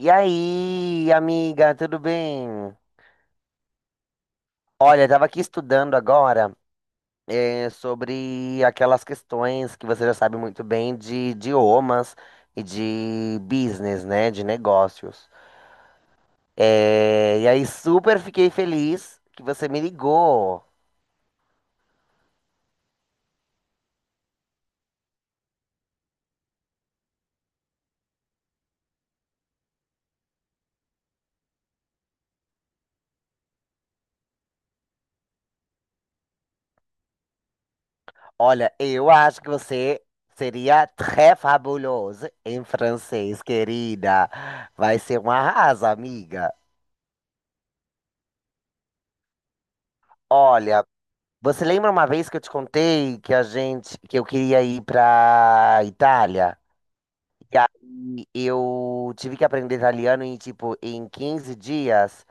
E aí, amiga, tudo bem? Olha, eu tava aqui estudando agora, sobre aquelas questões que você já sabe muito bem de idiomas e de business, né? De negócios. E aí, super fiquei feliz que você me ligou. Olha, eu acho que você seria très fabuloso em francês, querida. Vai ser um arraso, amiga. Olha. Você lembra uma vez que eu te contei que eu queria ir pra Itália? E aí eu tive que aprender italiano em tipo em 15 dias.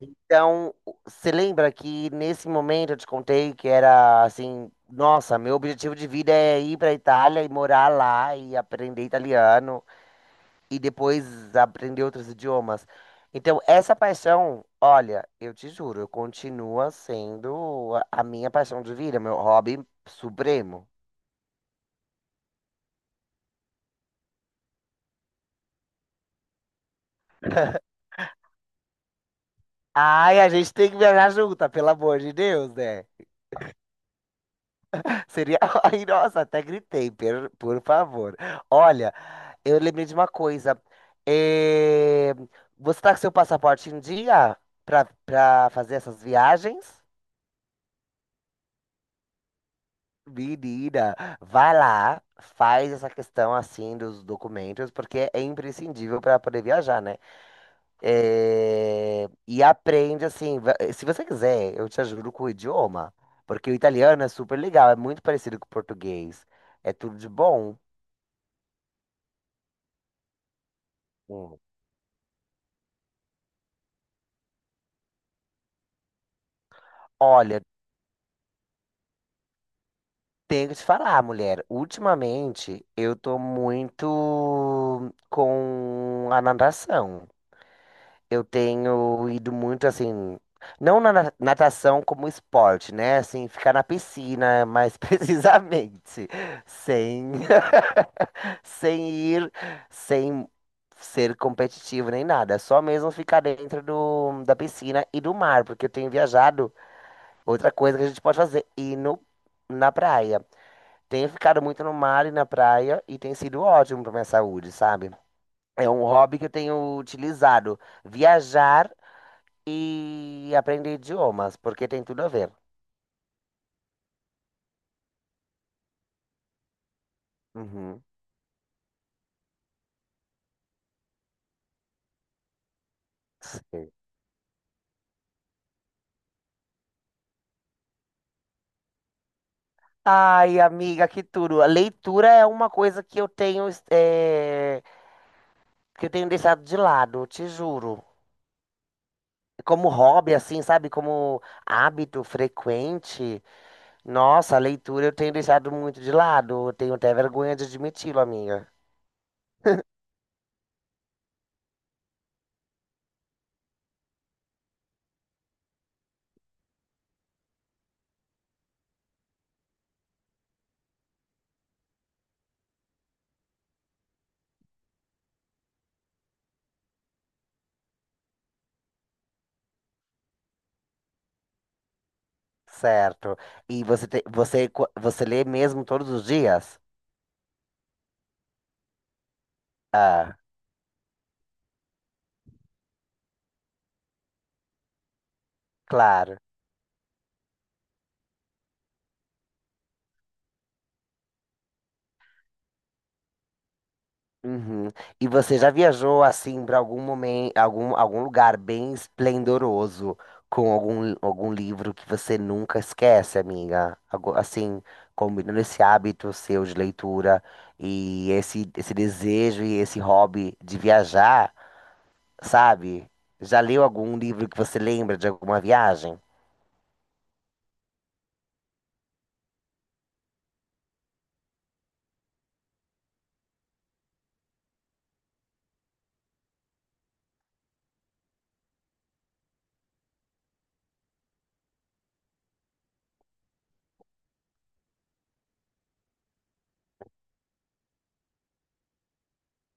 Então, você lembra que nesse momento eu te contei que era assim, nossa, meu objetivo de vida é ir pra Itália e morar lá e aprender italiano e depois aprender outros idiomas. Então, essa paixão, olha, eu te juro, continua sendo a minha paixão de vida, meu hobby supremo. Ai, a gente tem que viajar junta, pelo amor de Deus, né? Seria. Ai, nossa, até gritei, por favor. Olha, eu lembrei de uma coisa. Eh, Você tá com seu passaporte em dia pra fazer essas viagens? Menina, vai lá, faz essa questão assim dos documentos, porque é imprescindível para poder viajar, né? É. E aprende assim, se você quiser, eu te ajudo com o idioma, porque o italiano é super legal, é muito parecido com o português, é tudo de bom. Hum. Olha, tenho que te falar, mulher, ultimamente eu tô muito com a natação. Eu tenho ido muito assim, não natação como esporte, né? Assim, ficar na piscina, mais precisamente, sem, sem ir, sem ser competitivo nem nada, só mesmo ficar dentro da piscina e do mar, porque eu tenho viajado. Outra coisa que a gente pode fazer, ir no, na praia. Tenho ficado muito no mar e na praia e tem sido ótimo para minha saúde, sabe? É um hobby que eu tenho utilizado. Viajar e aprender idiomas, porque tem tudo a ver. Uhum. Sim. Ai, amiga, que tudo. A leitura é uma coisa que eu tenho, que eu tenho deixado de lado, te juro. Como hobby, assim, sabe? Como hábito frequente. Nossa, a leitura eu tenho deixado muito de lado. Eu tenho até vergonha de admiti-lo, amiga. Certo. E você, você lê mesmo todos os dias? Ah, claro. Uhum. E você já viajou assim para algum momento, algum lugar bem esplendoroso com algum livro que você nunca esquece, amiga? Assim, combinando esse hábito seu de leitura e esse desejo e esse hobby de viajar, sabe? Já leu algum livro que você lembra de alguma viagem?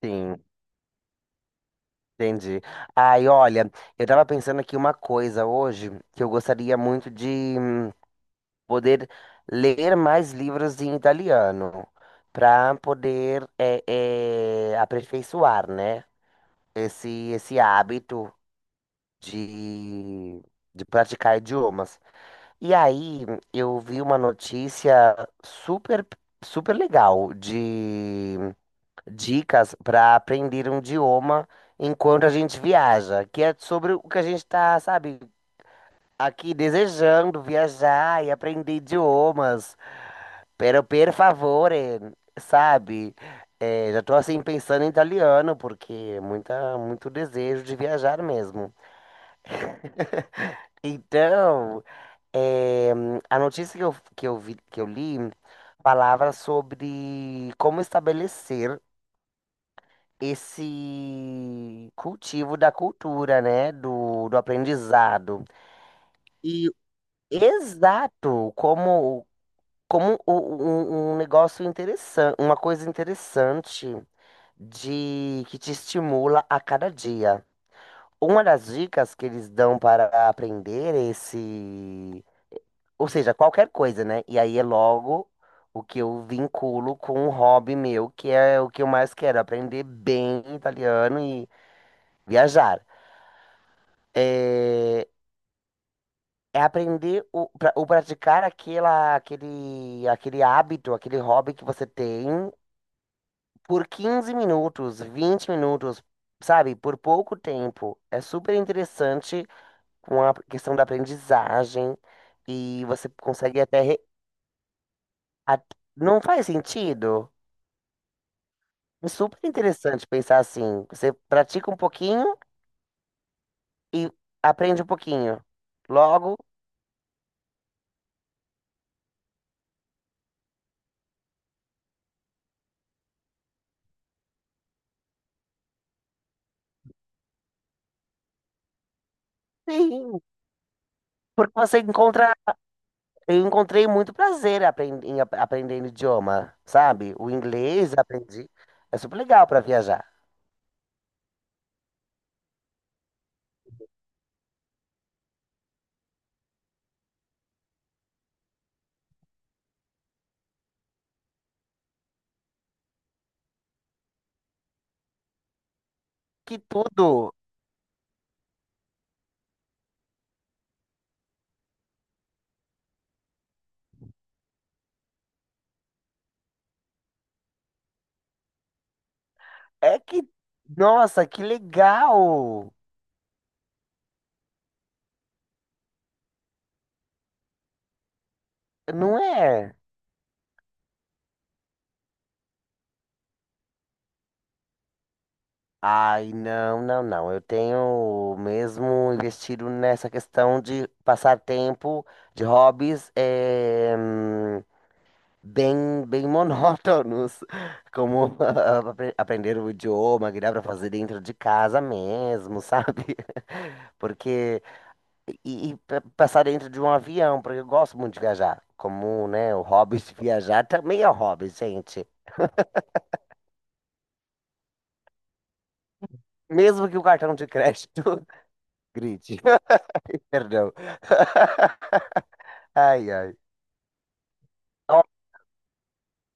Sim, entendi. Ai, olha, eu tava pensando aqui uma coisa hoje que eu gostaria muito de poder ler mais livros em italiano, para poder aperfeiçoar, né? Esse hábito de, de praticar idiomas. E aí eu vi uma notícia super, super legal de dicas para aprender um idioma enquanto a gente viaja, que é sobre o que a gente está, sabe, aqui desejando viajar e aprender idiomas. Pero per favore, sabe? É, já tô assim pensando em italiano, porque é muita, muito desejo de viajar mesmo. Então, é, a notícia que eu vi, que eu li falava sobre como estabelecer esse cultivo da cultura, né? Do aprendizado. E exato, como um, um negócio interessante, uma coisa interessante de que te estimula a cada dia. Uma das dicas que eles dão para aprender esse, ou seja, qualquer coisa, né? E aí é logo o que eu vinculo com um hobby meu, que é o que eu mais quero, aprender bem italiano e viajar. É, é aprender o praticar aquele hábito, aquele hobby que você tem por 15 minutos, 20 minutos, sabe? Por pouco tempo. É super interessante com a questão da aprendizagem e você consegue até. A- Não faz sentido? É super interessante pensar assim. Você pratica um pouquinho e aprende um pouquinho. Logo, sim, porque você encontra. Eu encontrei muito prazer aprendendo idioma, sabe? O inglês aprendi. É super legal para viajar. Que tudo! É que, nossa, que legal! Não é? Ai, não. Eu tenho mesmo investido nessa questão de passar tempo de hobbies bem, bem monótonos, como aprender o idioma, que dá pra fazer dentro de casa mesmo, sabe? Porque e passar dentro de um avião, porque eu gosto muito de viajar. Como, né, o hobby de viajar também é um hobby, gente. Mesmo que o cartão de crédito grite. Perdão. Ai, ai. Ó,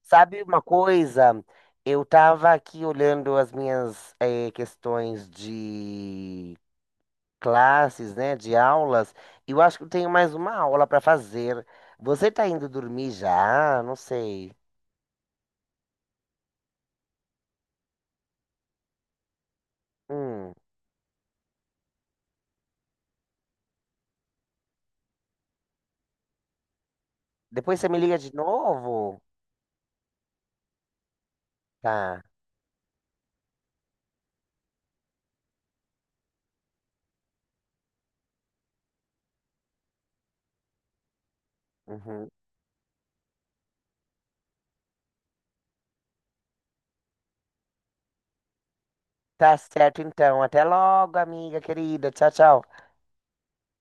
sabe uma coisa? Eu tava aqui olhando as minhas questões de classes, né? De aulas. E eu acho que eu tenho mais uma aula para fazer. Você tá indo dormir já? Não sei. Hum. Depois você me liga de novo? Tá. Uhum. Tá certo, então. Até logo, amiga querida. Tchau, tchau.